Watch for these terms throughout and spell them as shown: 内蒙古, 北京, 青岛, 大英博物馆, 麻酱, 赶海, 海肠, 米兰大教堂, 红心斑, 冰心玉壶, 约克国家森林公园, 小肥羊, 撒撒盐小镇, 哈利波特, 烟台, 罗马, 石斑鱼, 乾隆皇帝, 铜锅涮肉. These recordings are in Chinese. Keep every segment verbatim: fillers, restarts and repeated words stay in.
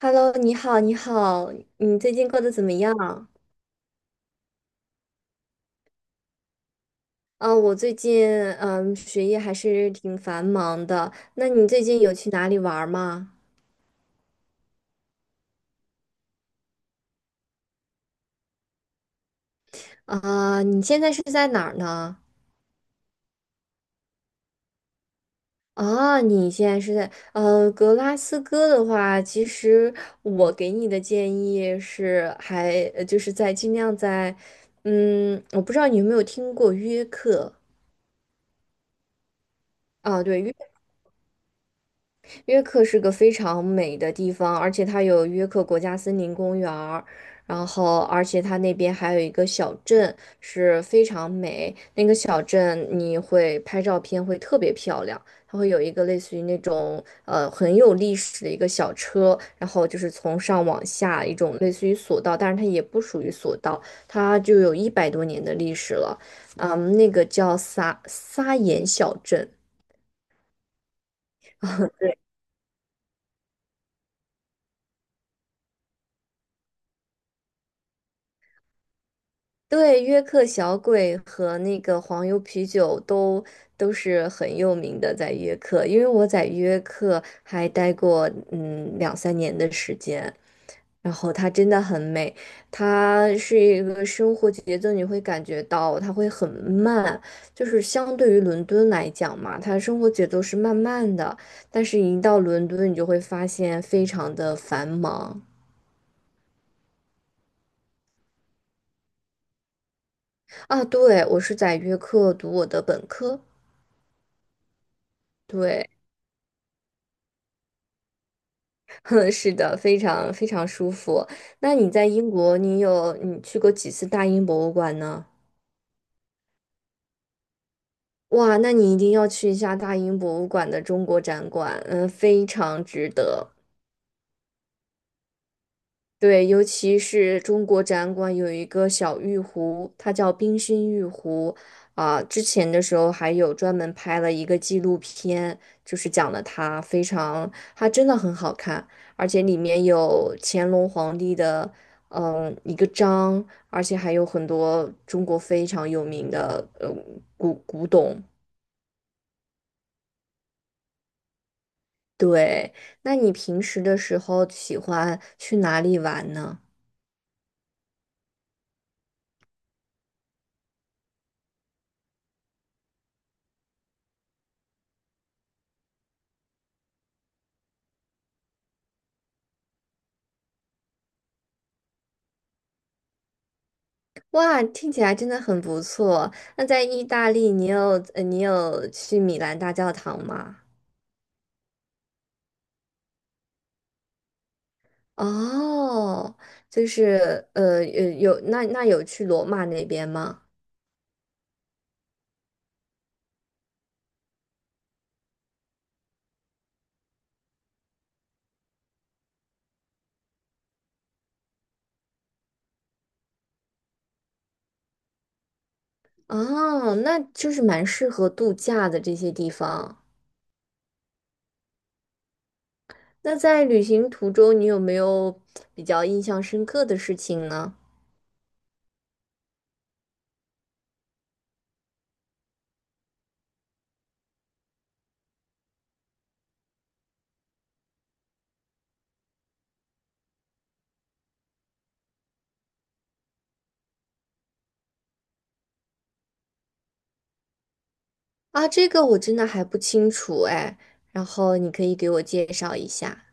Hello，你好，你好，你最近过得怎么样？啊，我最近嗯，学业还是挺繁忙的。那你最近有去哪里玩儿吗？啊，你现在是在哪儿呢？啊，你现在是在呃格拉斯哥的话，其实我给你的建议是还，呃就是在尽量在，嗯，我不知道你有没有听过约克。啊，对，约克是个非常美的地方，而且它有约克国家森林公园儿，然后而且它那边还有一个小镇是非常美，那个小镇你会拍照片会特别漂亮，它会有一个类似于那种呃很有历史的一个小车，然后就是从上往下一种类似于索道，但是它也不属于索道，它就有一百多年的历史了，嗯，那个叫撒撒盐小镇。对，约克小鬼和那个黄油啤酒都都是很有名的，在约克，因为我在约克还待过嗯两三年的时间，然后它真的很美，它是一个生活节奏，你会感觉到它会很慢，就是相对于伦敦来讲嘛，它生活节奏是慢慢的，但是一到伦敦，你就会发现非常的繁忙啊。对，我是在约克读我的本科，对。哼，是的，非常非常舒服。那你在英国，你有你去过几次大英博物馆呢？哇，那你一定要去一下大英博物馆的中国展馆，嗯，非常值得。对，尤其是中国展馆有一个小玉壶，它叫冰心玉壶。啊、之前的时候还有专门拍了一个纪录片，就是讲了它非常，它真的很好看，而且里面有乾隆皇帝的嗯一个章，而且还有很多中国非常有名的呃古古董。对，那你平时的时候喜欢去哪里玩呢？哇，听起来真的很不错。那在意大利，你有呃，你有去米兰大教堂吗？哦，就是呃，有有那那有去罗马那边吗？哦，那就是蛮适合度假的这些地方。那在旅行途中，你有没有比较印象深刻的事情呢？啊，这个我真的还不清楚哎，然后你可以给我介绍一下。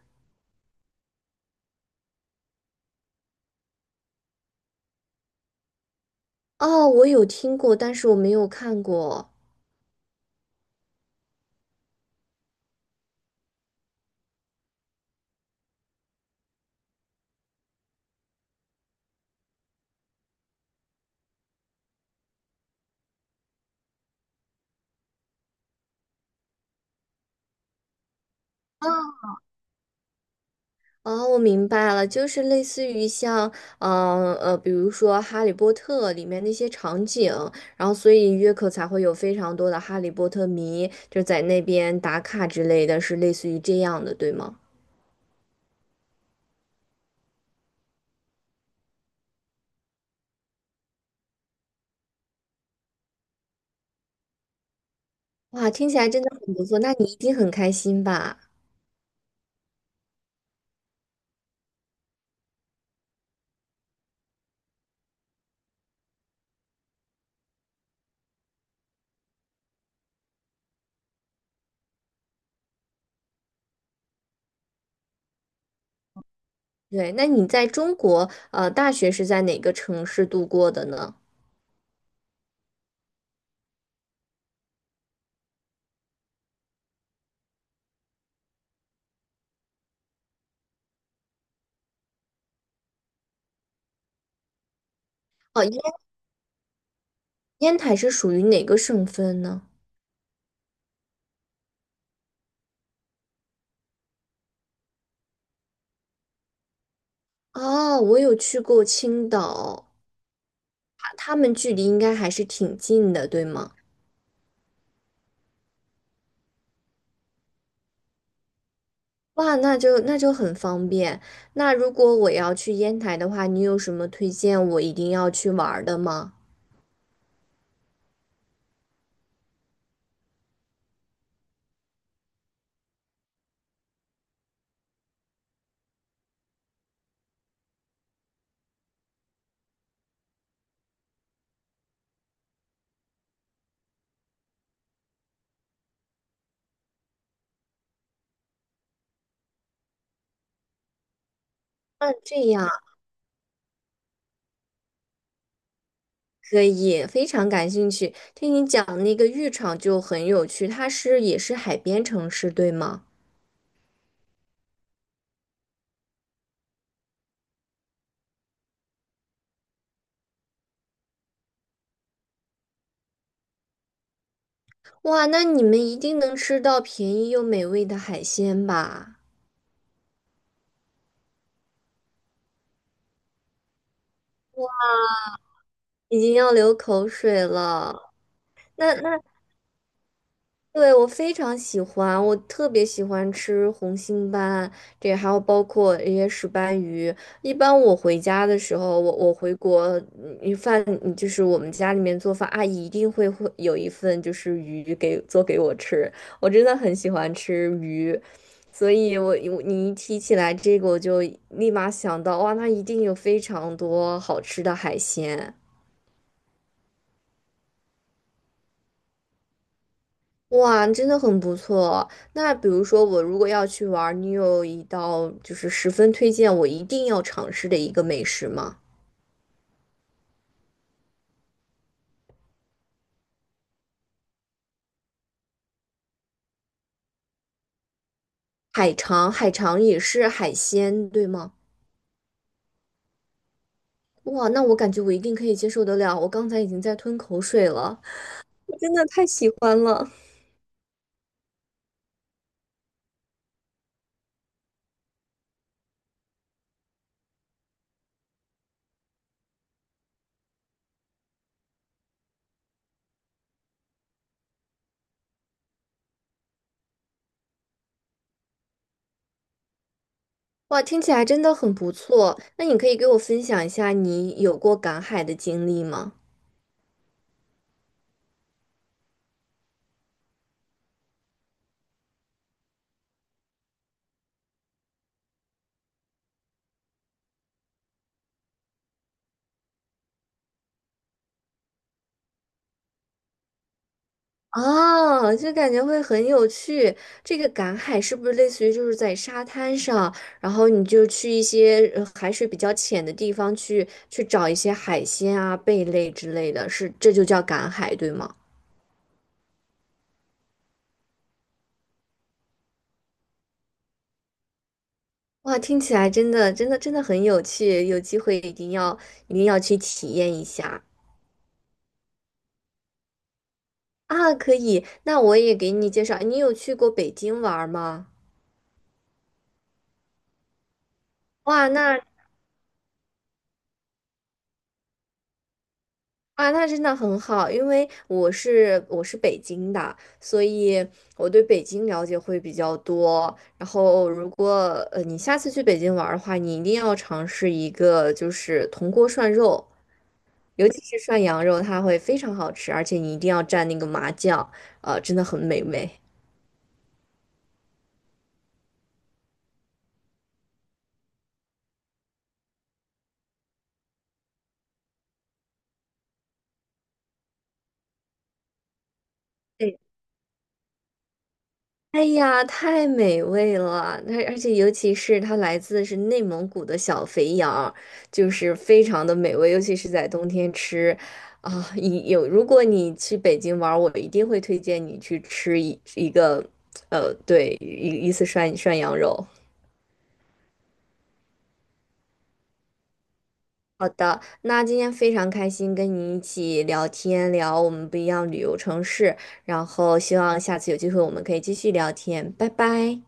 哦，我有听过，但是我没有看过。哦哦，我明白了，就是类似于像，嗯呃，比如说《哈利波特》里面那些场景，然后所以约克才会有非常多的哈利波特迷，就在那边打卡之类的，是类似于这样的，对吗？哇，听起来真的很不错，那你一定很开心吧？对，那你在中国，呃，大学是在哪个城市度过的呢？哦，烟烟台是属于哪个省份呢？哦，我有去过青岛，啊他们距离应该还是挺近的，对吗？哇，那就那就很方便。那如果我要去烟台的话，你有什么推荐我一定要去玩儿的吗？嗯，这样可以，非常感兴趣。听你讲那个浴场就很有趣，它是也是海边城市，对吗？哇，那你们一定能吃到便宜又美味的海鲜吧？已经要流口水了。那那对，我非常喜欢，我特别喜欢吃红心斑，这还有包括一些石斑鱼。一般我回家的时候，我我回国，你饭嗯就是我们家里面做饭，阿姨一定会会有一份就是鱼给做给我吃，我真的很喜欢吃鱼，所以我我你一提起来这个，我就立马想到，哇，那一定有非常多好吃的海鲜。哇，真的很不错。那比如说，我如果要去玩儿，你有一道就是十分推荐我一定要尝试的一个美食吗？海肠，海肠也是海鲜，对吗？哇，那我感觉我一定可以接受得了。我刚才已经在吞口水了，我真的太喜欢了。哇，听起来真的很不错。那你可以给我分享一下你有过赶海的经历吗？哦，就感觉会很有趣。这个赶海是不是类似于就是在沙滩上，然后你就去一些呃海水比较浅的地方去去找一些海鲜啊、贝类之类的，是这就叫赶海，对吗？哇，听起来真的真的真的很有趣，有机会一定要一定要去体验一下啊！可以，那我也给你介绍，你有去过北京玩儿吗？哇，那啊，那真的很好，因为我是我是北京的，所以我对北京了解会比较多。然后，如果呃你下次去北京玩儿的话，你一定要尝试一个就是铜锅涮肉，尤其是涮羊肉，它会非常好吃，而且你一定要蘸那个麻酱，呃，真的很美味。哎呀，太美味了！它而且尤其是它来自是内蒙古的小肥羊就是非常的美味，尤其是在冬天吃啊。一有，如果你去北京玩儿，我一定会推荐你去吃一一个，呃，对，一一次涮涮羊肉。好的，那今天非常开心跟你一起聊天，聊我们不一样旅游城市，然后希望下次有机会我们可以继续聊天，拜拜。